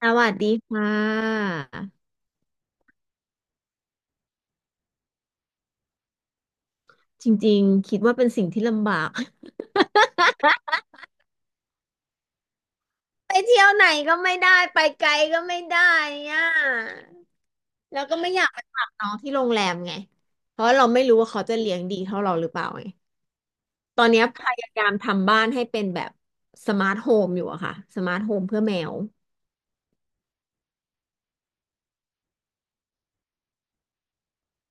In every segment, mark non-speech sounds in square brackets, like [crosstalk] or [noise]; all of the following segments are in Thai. สวัสดีค่ะจริงๆคิดว่าเป็นสิ่งที่ลำบาก [laughs] ไปเที่ยวไหนก็ไม่ได้ไปไกลก็ไม่ได้อ่ะแล้วก็ไม่อยากไปฝากน้องที่โรงแรมไงเพราะเราไม่รู้ว่าเขาจะเลี้ยงดีเท่าเราหรือเปล่าไงตอนเนี้ยพยายามทำบ้านให้เป็นแบบสมาร์ทโฮมอยู่อะค่ะสมาร์ทโฮมเพื่อแมว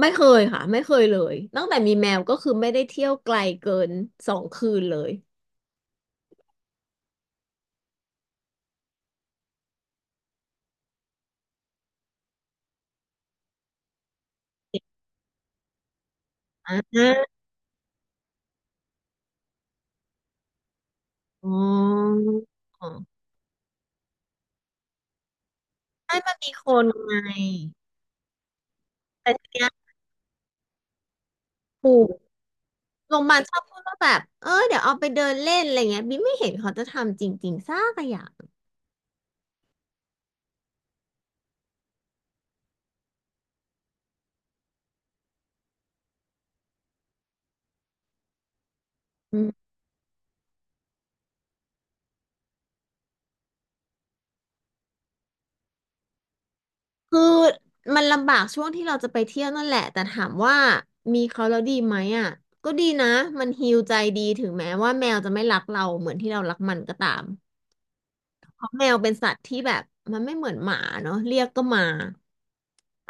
ไม่เคยค่ะไม่เคยเลยตั้งแต่มีแมวก็คือไม่ได้เที่ยวไกลเกินสองคืนเลย [laughs] อ่าอ๋อให้มันมีคนไง แต่ทีเนี้ยถูกโรงพยาบาลชอบพูดว่าแบบเออเดี๋ยวเอาไปเดินเล่นอะไรเงี้ยบิ๊มไม่เห็นเขาจะทำจริงๆสักอย่างอืมคือมันลำบากช่วงที่เราจะไปเที่ยวนั่นแหละแต่ถามว่ามีเขาแล้วดีไหมอ่ะก็ดีนะมันฮีลใจดีถึงแม้ว่าแมวจะไม่รักเราเหมือนที่เรารักมันก็ตามเพราะแมวเป็นสัตว์ที่แบบมันไม่เหมือนหมาเนาะเรียกก็มา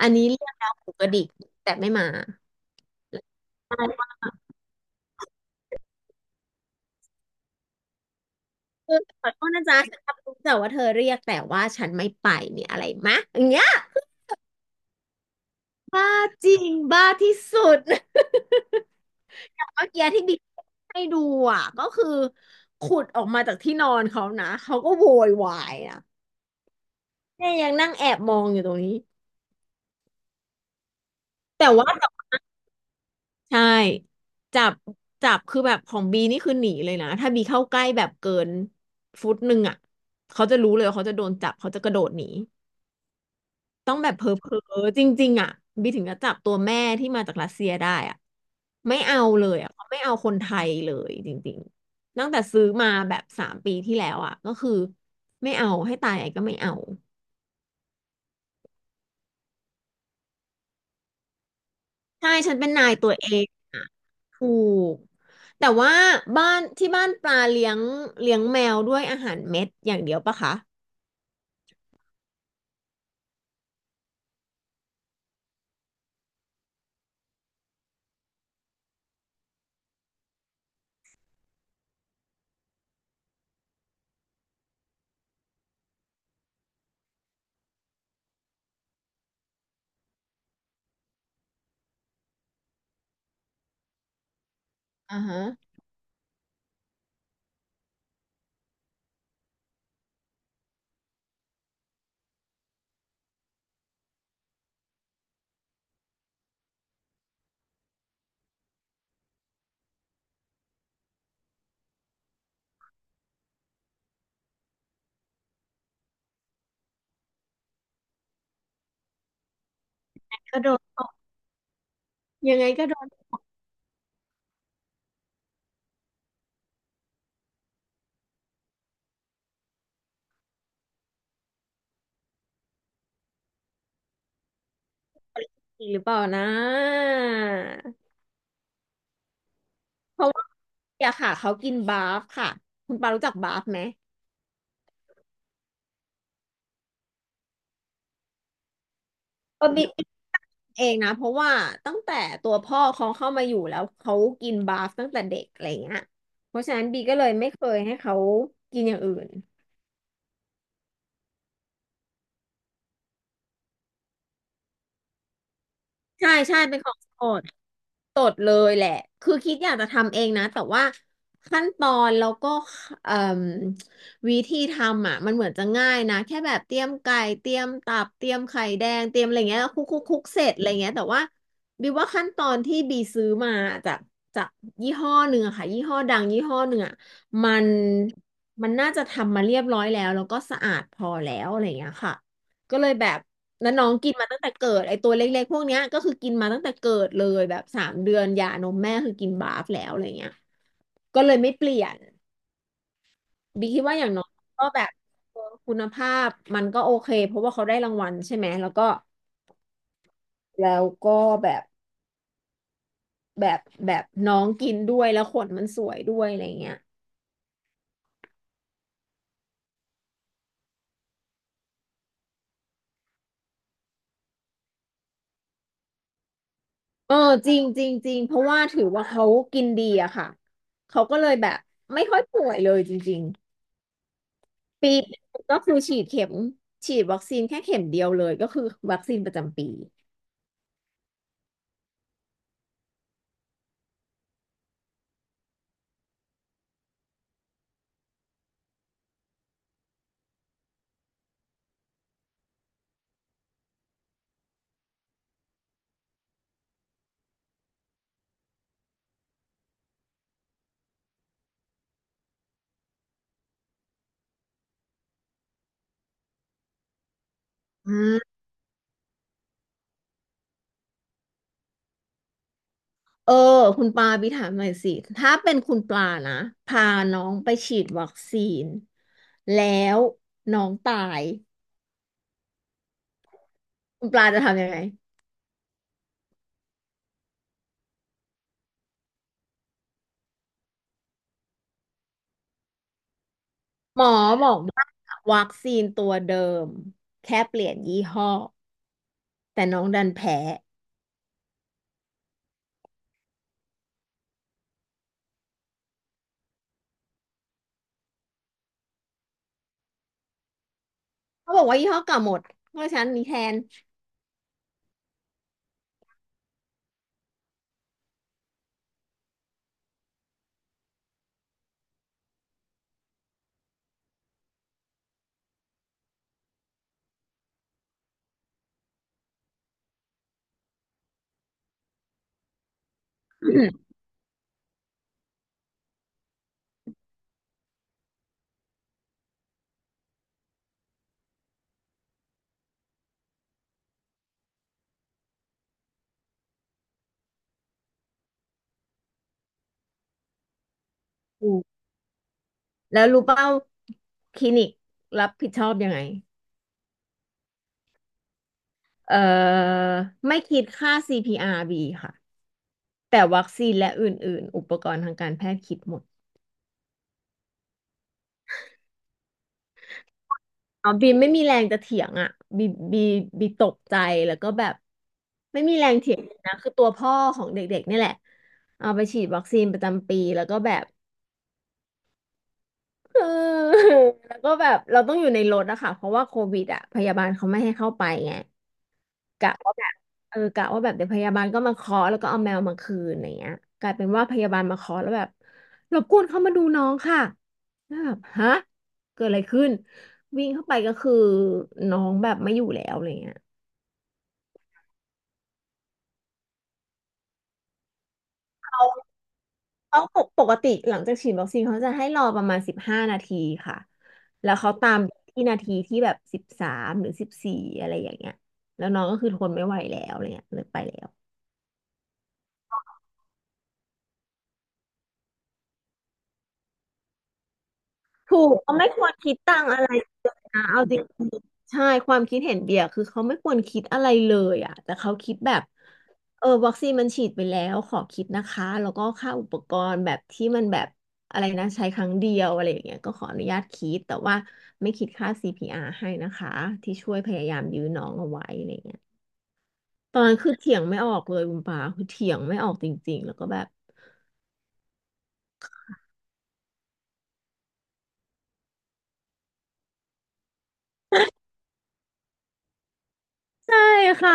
อันนี้เรียกแล้วหูกระดิกแต่ไม่มาได้ คือขอโทษนะจ๊ะฉันรับรู้แต่ว่าเธอเรียกแต่ว่าฉันไม่ไปเนียอะไรมะอย่างเงี้ยบ้าจริงบ้าที่สุด [laughs] อย่างเมื่อกี้ที่บิ๊กให้ดูอ่ะก็คือขุดออกมาจากที่นอนเขานะเขาก็โวยวายอ่ะเนี่ยยังนั่งแอบมองอยู่ตรงนี้แต่ว่าจับใช่จับจับคือแบบของบีนี่คือหนีเลยนะถ้าบีเข้าใกล้แบบเกินฟุตหนึ่งอ่ะเขาจะรู้เลยว่าเขาจะโดนจับเขาจะกระโดดหนี ต้องแบบเพ้อเพ้อจริงๆอ่ะบีถึงจะจับตัวแม่ที่มาจากรัสเซียได้อ่ะไม่เอาเลยอ่ะเขาไม่เอาคนไทยเลยจริงๆตั้งแต่ซื้อมาแบบสามปีที่แล้วอ่ะก็คือไม่เอาให้ตายไอก็ไม่เอาใช่ฉันเป็นนายตัวเองอ่ะถูกแต่ว่าบ้านที่บ้านปลาเลี้ยงเลี้ยงแมวด้วยอาหารเม็ดอย่างเดียวปะคะอ่าฮะก็โดนตกยังไงก็โดนตีหรือเปล่านะเพราะ อยากค่ะเขากินบาฟค่ะคุณปารู้จักบาฟไหมก็เดี๋เองนะเพราะว่าตั้งแต่ตัวพ่อเขาเข้ามาอยู่แล้วเขากินบาฟตั้งแต่เด็กอะไรเงี้ยเพราะฉะนั้นบีก็เลยไม่เคยให้เขากินอย่างอื่นใช่ใช่เป็นของโปรด ตดเลยแหละคือคิดอยากจะทำเองนะแต่ว่าขั้นตอนแล้วก็เอ่มวิธีทำอ่ะมันเหมือนจะง่ายนะแค่แบบเตรียมไก่เตรียมตับเตรียมไข่แดงเตรียมอะไรเงี้ยแล้วคลุกคลุกคลุกเสร็จอะไรเงี้ยแต่ว่าบีว่าขั้นตอนที่บีซื้อมาจากจากยี่ห้อหนึ่งอะค่ะยี่ห้อดังยี่ห้อหนึ่งอะมันมันน่าจะทำมาเรียบร้อยแล้วแล้วก็สะอาดพอแล้วอะไรเงี้ยค่ะก็เลยแบบ แล้วน้องกินมาตั้งแต่เกิดไอตัวเล็กๆพวกเนี้ยก็คือกินมาตั้งแต่เกิดเลยแบบสามเดือนยานมแม่คือกินบาฟแล้วอะไรเงี้ยก็เลยไม่เปลี่ยนบีคิดว่าอย่างน้อยก็แบบเออคุณภาพมันก็โอเคเพราะว่าเขาได้รางวัลใช่ไหมแล้วก็แล้วก็แบบแบบแบบน้องกินด้วยแล้วขนมันสวยด้วยอะไรเงี้ยเออจริงจริงจริงเพราะว่าถือว่าเขากินดีอะค่ะเขาก็เลยแบบไม่ค่อยป่วยเลยจริง ปีหนึ่งก็คือฉีดเข็มฉีดวัคซีนแค่เข็มเดียวเลยก็คือวัคซีนประจำปีอืมเออคุณปาบีถามหน่อยสิถ้าเป็นคุณปลานะพาน้องไปฉีดวัคซีนแล้วน้องตายคุณปลาจะทำยังไงหมอบอกว่าวัคซีนตัวเดิมแค่เปลี่ยนยี่ห้อแต่น้องดันแพ้เขาบอกว่ายี่ห้อเก่าหมดเพราะฉะนั้นมีแทน [clears throat] อืมแล้วรู้เปล่าคลินิกรับผิดชอบยังไง เอ่อไม่คิดค่า CPRB ค่ะแต่วัคซีนและอื่นๆอุปกรณ์ทางการแพทย์คิดหมดอ๋อบีมไม่มีแรงจะเถียงอ่ะบีบีบีตกใจแล้วก็แบบไม่มีแรงเถียงเลยนะคือตัวพ่อของเด็กๆเนี่ยแหละเอาไปฉีดวัคซีนประจำปีแล้วก็แบบเออแล้วก็แบบเราต้องอยู่ในรถอะค่ะเพราะว่าโควิดอะพยาบาลเขาไม่ให้เข้าไปไง กะว่าแบบเออกะว่าแบบเดี๋ยวพยาบาลก็มาเคาะแล้วก็เอาแมวมาคืนอะไรเงี้ยกลายเป็นว่าพยาบาลมาเคาะแล้วแบบรบกวนเข้ามาดูน้องค่ะแล้วแบบฮะเกิดอะไรขึ้นวิ่งเข้าไปก็คือน้องแบบไม่อยู่แล้วอะไรเงี้ยเขาเขาปกติหลังจากฉีดวัคซีนเขาจะให้รอประมาณ15 นาทีค่ะแล้วเขาตามที่นาทีที่แบบ13หรือ14อะไรอย่างเงี้ยแล้วน้องก็คือทนไม่ไหวแล้วอะไรเงี้ยเลยไปแล้ว ถูกเขาไม่ควรคิดตังอะไรเลยนะเอาจริงๆใช่ความคิดเห็นเบียร์คือเขาไม่ควรคิดอะไรเลยอ่ะแต่เขาคิดแบบเออวัคซีนมันฉีดไปแล้วขอคิดนะคะแล้วก็ค่าอุปกรณ์แบบที่มันแบบอะไรนะใช้ครั้งเดียวอะไรอย่างเงี้ยก็ขออนุญาตคิดแต่ว่าไม่คิดค่าซีพีอาร์ให้นะคะที่ช่วยพยายามยื้อน้องเอาไว้อะไรเงี้ยตอนนั้นคือเถียงไม่ออกเลยคุณปาคือเถียงไม่ออกจริงๆแล้วก็แบบ ใช่ค่ะ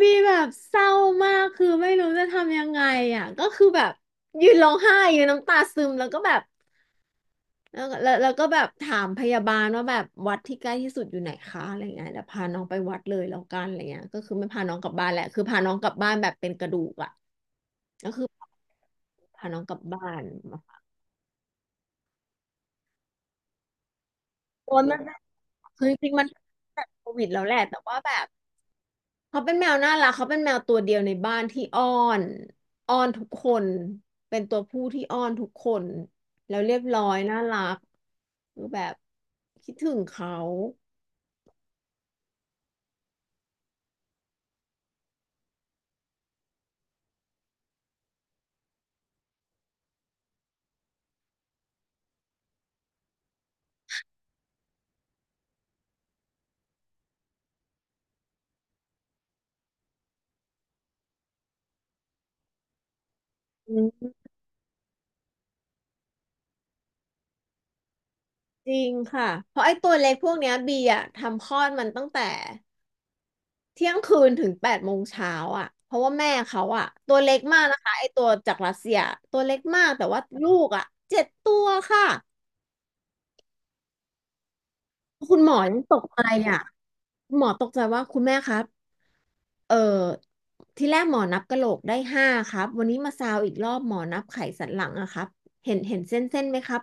มีแบบเศร้ามากคือไม่รู้จะทำยังไงอ่ะก็คือแบบยืนร้องไห้ยืนน้ำตาซึมแล้วก็แบบแล้วก็แบบถามพยาบาลว่าแบบวัดที่ใกล้ที่สุดอยู่ไหนคะอะไรเงี้ยเดี๋ยวพาน้องไปวัดเลยแล้วกันอะไรเงี้ยก็คือไม่พาน้องกลับบ้านแหละคือพาน้องกลับบ้านแบบเป็นกระดูกอ่ะก็คือพาน้องกลับบ้านโอ้ยมันเป็นคือจริงๆมันตั้งแต่โควิดแล้วแหละแต่ว่าแบบ เขาเป็นแมวน่ารักเขาเป็นแมวตัวเดียวในบ้านที่นอ้อนทุกคนเป็นตัวผู้ที่อ้อนทุกคนแล้วเรียบร้อยน่ารักคือแบบคิดถึงเขาอืมจริงค่ะเพราะไอ้ตัวเล็กพวกเนี้ยบีอะทำคลอดมันตั้งแต่เที่ยงคืนถึงแปดโมงเช้าอะเพราะว่าแม่เขาอะตัวเล็กมากนะคะไอ้ตัวจากรัสเซียตัวเล็กมากแต่ว่าลูกอะเจ็ดตัวค่ะคุณหมอยังตกใจอะคุณหมอตกใจว่าคุณแม่ครับ เออที่แรกหมอนับกะโหลกได้ห้าครับวันนี้มาซาวอีกรอบหมอนับไขสันหลังอะครับเห็นเส้นไหมครับ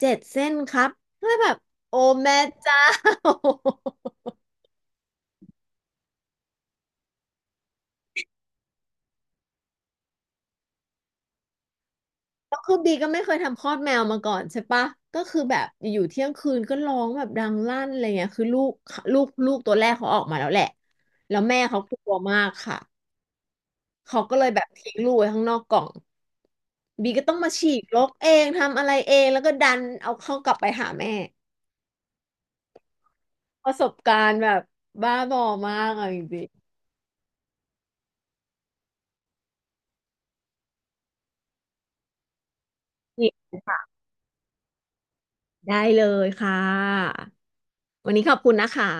เจ็ดเส้นครับแล้วแบบโอ้แม่เจ้าแล้ว [laughs] คือบีก็ไม่เคยทำคลอดแมวมาก่อนใช่ปะก็คือแบบอยู่เที่ยงคืนก็ร้องแบบดังลั่นอะไรเงี้ยคือลูกตัวแรกเขาออกมาแล้วแหละแล้วแม่เขากลัวมากค่ะเขาก็เลยแบบทิ้งลูกไว้ข้างนอกกล่องบีก็ต้องมาฉีกรกเองทำอะไรเองแล้วก็ดันเอาเข้ากลับไปหาแม่ ประสบการณ์แบบบ้าบอมากอ่ะจริงได้เลยค่ะ วันนี้ขอบคุณนะคะ